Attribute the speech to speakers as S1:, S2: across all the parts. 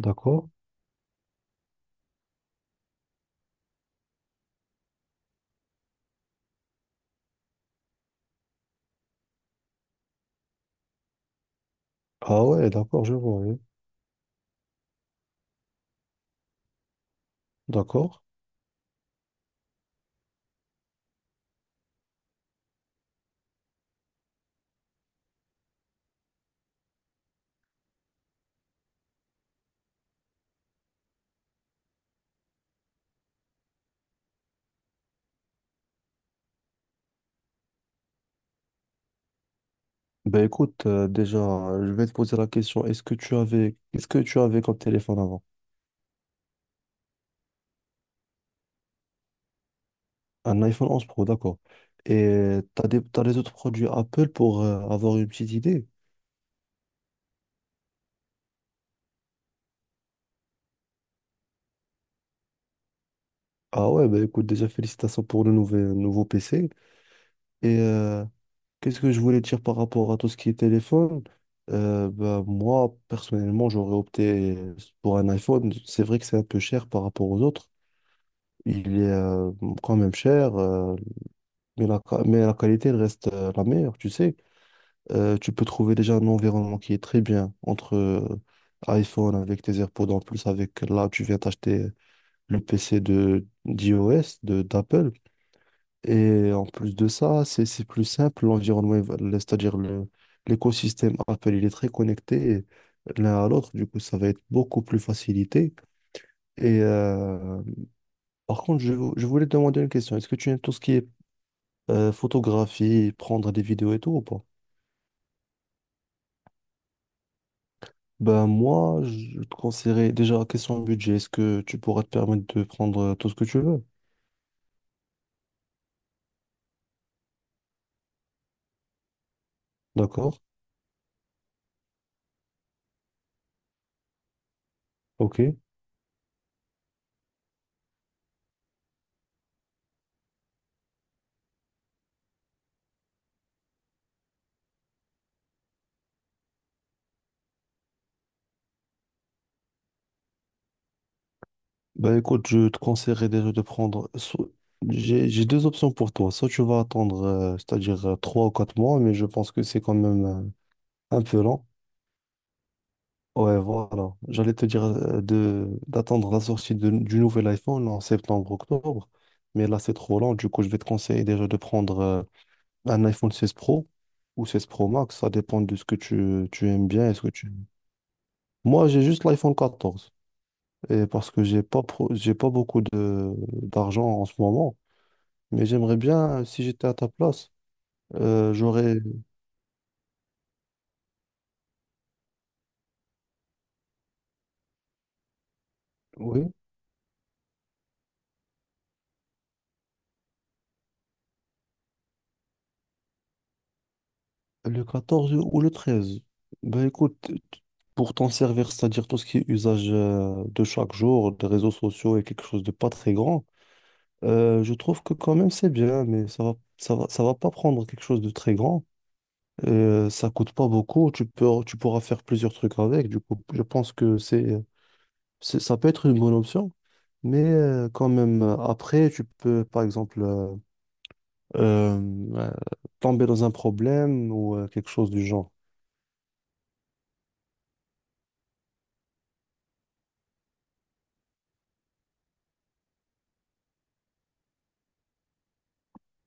S1: D'accord. Ah ouais, d'accord, je vois. Oui. D'accord. Ben écoute, déjà, je vais te poser la question. Est-ce que tu avais, Qu'est-ce que tu avais comme téléphone avant? Un iPhone 11 Pro, d'accord. Et t'as les autres produits Apple pour avoir une petite idée? Ah ouais, ben écoute, déjà, félicitations pour le nouveau PC. Et qu'est-ce que je voulais dire par rapport à tout ce qui est téléphone? Ben, moi, personnellement, j'aurais opté pour un iPhone. C'est vrai que c'est un peu cher par rapport aux autres. Il est quand même cher, mais mais la qualité elle reste la meilleure, tu sais. Tu peux trouver déjà un environnement qui est très bien entre iPhone avec tes AirPods en plus, avec là, tu viens t'acheter le PC de d'iOS, de d'Apple. Et en plus de ça, c'est plus simple, l'environnement, c'est-à-dire l'écosystème Apple, il est très connecté l'un à l'autre, du coup, ça va être beaucoup plus facilité. Et par contre, je voulais te demander une question. Est-ce que tu aimes tout ce qui est photographier, prendre des vidéos et tout ou pas? Ben moi, je te conseillerais déjà, question de budget, est-ce que tu pourras te permettre de prendre tout ce que tu veux? D'accord? Ok. Ben écoute, je te conseillerais déjà de prendre. J'ai deux options pour toi. Soit tu vas attendre, c'est-à-dire 3 ou 4 mois, mais je pense que c'est quand même un peu lent. Ouais, voilà. J'allais te dire de d'attendre la sortie du nouvel iPhone en septembre-octobre, mais là c'est trop lent. Du coup, je vais te conseiller déjà de prendre. Un iPhone 16 Pro ou 16 Pro Max, ça dépend de ce que tu aimes bien est ce que tu. Moi, j'ai juste l'iPhone 14. Et parce que j'ai pas beaucoup de d'argent en ce moment. Mais j'aimerais bien, si j'étais à ta place, j'aurais oui, le 14 ou le 13. Ben écoute, pour t'en servir, c'est-à-dire tout ce qui est usage de chaque jour, des réseaux sociaux et quelque chose de pas très grand, je trouve que quand même c'est bien, mais ça va pas prendre quelque chose de très grand. Et ça coûte pas beaucoup, tu pourras faire plusieurs trucs avec. Du coup, je pense que ça peut être une bonne option. Mais quand même, après, tu peux, par exemple, euh, euh, tomber dans un problème ou quelque chose du genre.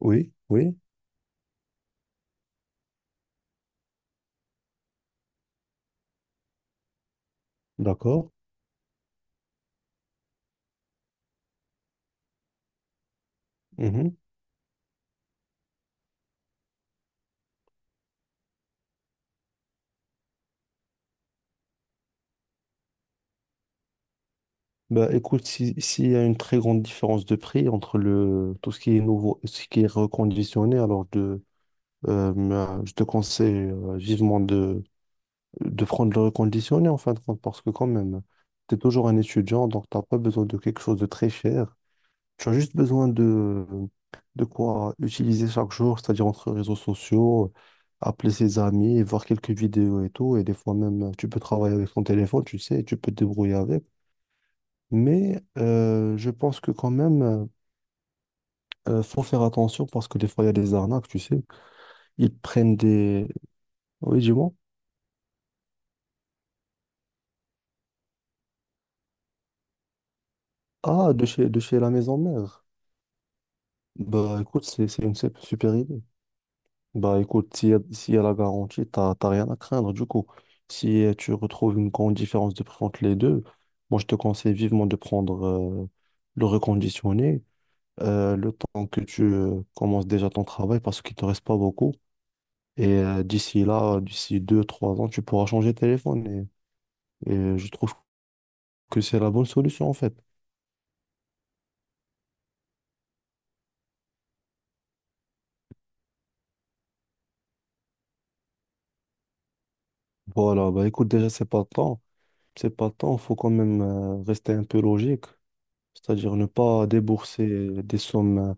S1: Oui, oui, d'accord. Mhm. Bah, écoute, si, s'il y a une très grande différence de prix entre tout ce qui est nouveau et ce qui est reconditionné, bah, je te conseille vivement de prendre le reconditionné en fin de compte, parce que quand même, tu es toujours un étudiant, donc tu n'as pas besoin de quelque chose de très cher. Tu as juste besoin de quoi utiliser chaque jour, c'est-à-dire entre réseaux sociaux, appeler ses amis, voir quelques vidéos et tout. Et des fois même, tu peux travailler avec ton téléphone, tu sais, tu peux te débrouiller avec. Mais je pense que quand même, faut faire attention parce que des fois, il y a des arnaques, tu sais. Ils prennent des. Oui, dis-moi. Ah, de chez la maison mère. Bah écoute, c'est une super idée. Bah écoute, s'il y a la garantie, t'as rien à craindre. Du coup, si tu retrouves une grande différence de prix entre les deux, moi je te conseille vivement de prendre le reconditionné le temps que tu commences déjà ton travail parce qu'il te reste pas beaucoup. Et d'ici là, d'ici 2, 3 ans, tu pourras changer de téléphone. Et je trouve que c'est la bonne solution en fait. Voilà, bah écoute, déjà c'est pas le temps. C'est pas le temps, faut quand même rester un peu logique. C'est-à-dire ne pas débourser des sommes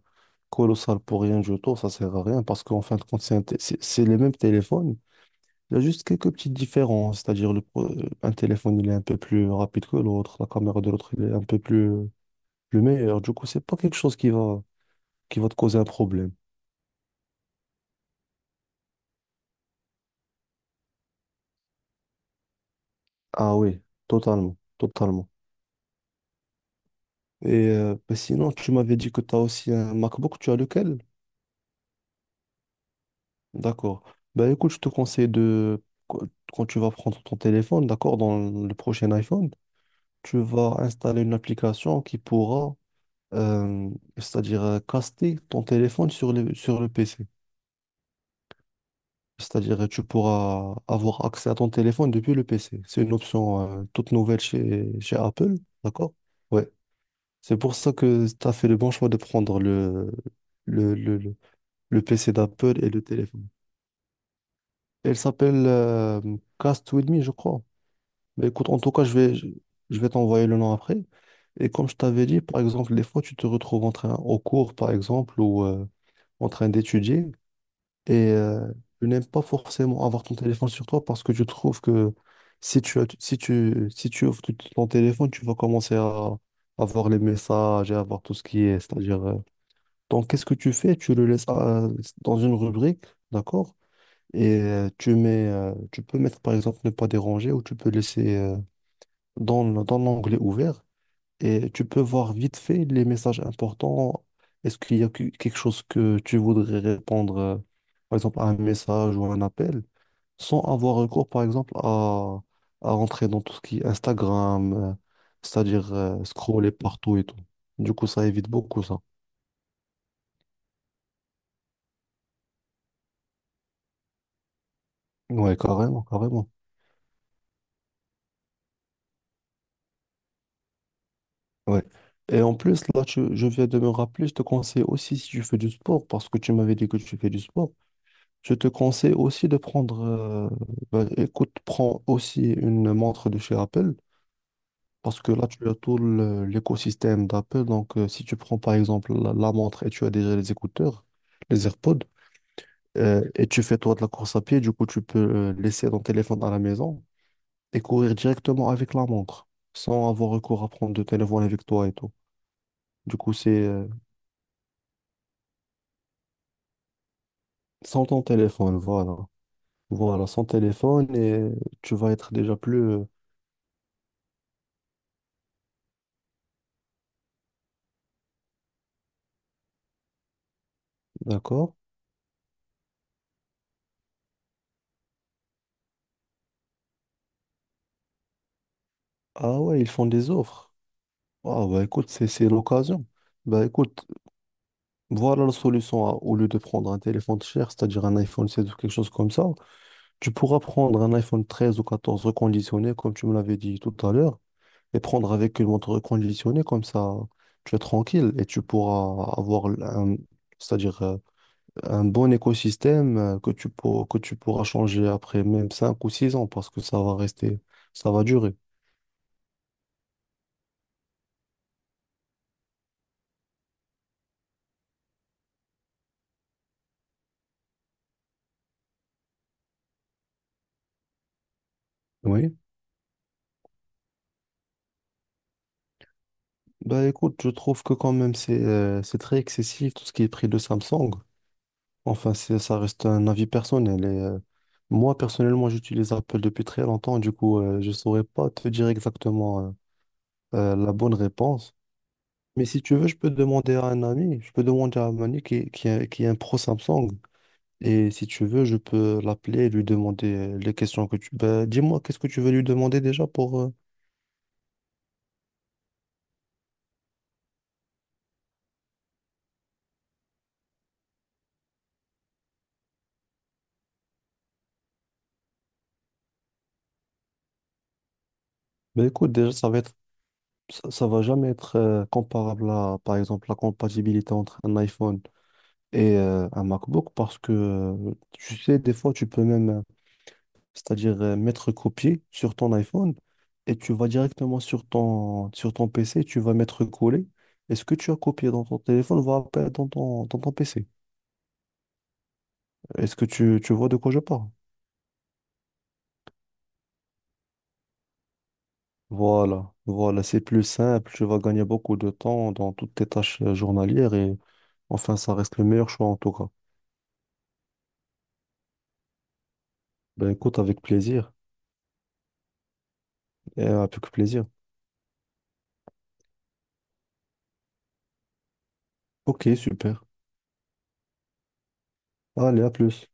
S1: colossales pour rien du tout, ça sert à rien parce qu'en fin de compte, c'est un té- c'est les mêmes téléphones. Il y a juste quelques petites différences, c'est-à-dire un téléphone il est un peu plus rapide que l'autre, la caméra de l'autre il est un peu plus, plus meilleure. Du coup, c'est pas quelque chose qui va te causer un problème. Ah oui, totalement, totalement. Et bah, sinon, tu m'avais dit que tu as aussi un MacBook, tu as lequel? D'accord. Bah écoute, je te conseille de, quand tu vas prendre ton téléphone, d'accord, dans le prochain iPhone, tu vas installer une application qui pourra, euh, c'est-à-dire caster ton téléphone sur sur le PC. C'est-à-dire tu pourras avoir accès à ton téléphone depuis le PC. C'est une option toute nouvelle chez Apple, d'accord? Ouais. C'est pour ça que tu as fait le bon choix de prendre le, le, le- le PC d'Apple et le téléphone. Elle s'appelle Cast With Me, je crois. Mais écoute, en tout cas, je vais t'envoyer le nom après. Et comme je t'avais dit, par exemple, des fois, tu te retrouves en train, au cours, par exemple, ou en train d'étudier, et tu n'aimes pas forcément avoir ton téléphone sur toi parce que tu trouves que si tu ouvres ton téléphone, tu vas commencer à avoir les messages et avoir tout ce qui est, c'est-à-dire, donc, qu'est-ce que tu fais? Tu le laisses dans une rubrique, d'accord? Et tu peux mettre, par exemple, ne pas déranger ou tu peux laisser, dans l'onglet ouvert et tu peux voir vite fait les messages importants. Est-ce qu'il y a quelque chose que tu voudrais répondre, par exemple, à un message ou un appel, sans avoir recours, par exemple, à rentrer dans tout ce qui est Instagram, c'est-à-dire scroller partout et tout. Du coup, ça évite beaucoup ça. Ouais, carrément, carrément. Ouais. Et en plus, là, je viens de me rappeler, je te conseille aussi si tu fais du sport, parce que tu m'avais dit que tu fais du sport. Je te conseille aussi bah, écoute, prends aussi une montre de chez Apple, parce que là, tu as tout l'écosystème d'Apple. Donc, si tu prends par exemple la montre et tu as déjà les écouteurs, les AirPods, et tu fais toi de la course à pied, du coup, tu peux laisser ton téléphone à la maison et courir directement avec la montre, sans avoir recours à prendre de téléphone avec toi et tout. Du coup, c'est sans ton téléphone, voilà. Voilà, sans téléphone, et tu vas être déjà plus, d'accord? Ah ouais, ils font des offres. Ah bah écoute, c'est l'occasion. Bah écoute, voilà la solution. Au lieu de prendre un téléphone cher, c'est-à-dire un iPhone 16 ou quelque chose comme ça, tu pourras prendre un iPhone 13 ou 14 reconditionné, comme tu me l'avais dit tout à l'heure, et prendre avec une montre reconditionnée, comme ça tu es tranquille et tu pourras avoir c'est-à-dire un bon écosystème que que tu pourras changer après même 5 ou 6 ans, parce que ça va rester, ça va durer. Oui. Bah écoute, je trouve que quand même c'est très excessif tout ce qui est prix de Samsung. Enfin, ça reste un avis personnel. Moi, personnellement, j'utilise Apple depuis très longtemps. Du coup, je saurais pas te dire exactement la bonne réponse. Mais si tu veux, je peux demander à un ami. Je peux demander à un ami qui est un pro Samsung. Et si tu veux, je peux l'appeler et lui demander les questions que tu. Bah, dis-moi, qu'est-ce que tu veux lui demander déjà pour. Bah écoute, déjà, ça va jamais être comparable à, par exemple, la compatibilité entre un iPhone et un MacBook parce que, tu sais, des fois, tu peux même, c'est-à-dire mettre copier sur ton iPhone et tu vas directement sur ton PC, tu vas mettre coller. Et ce que tu as copié dans ton téléphone va apparaître dans ton PC. Est-ce que tu vois de quoi je parle? Voilà, voilà, c'est plus simple, tu vas gagner beaucoup de temps dans toutes tes tâches journalières et enfin, ça reste le meilleur choix en tout cas. Ben écoute, avec plaisir. Et avec plaisir. Ok, super. Allez, à plus.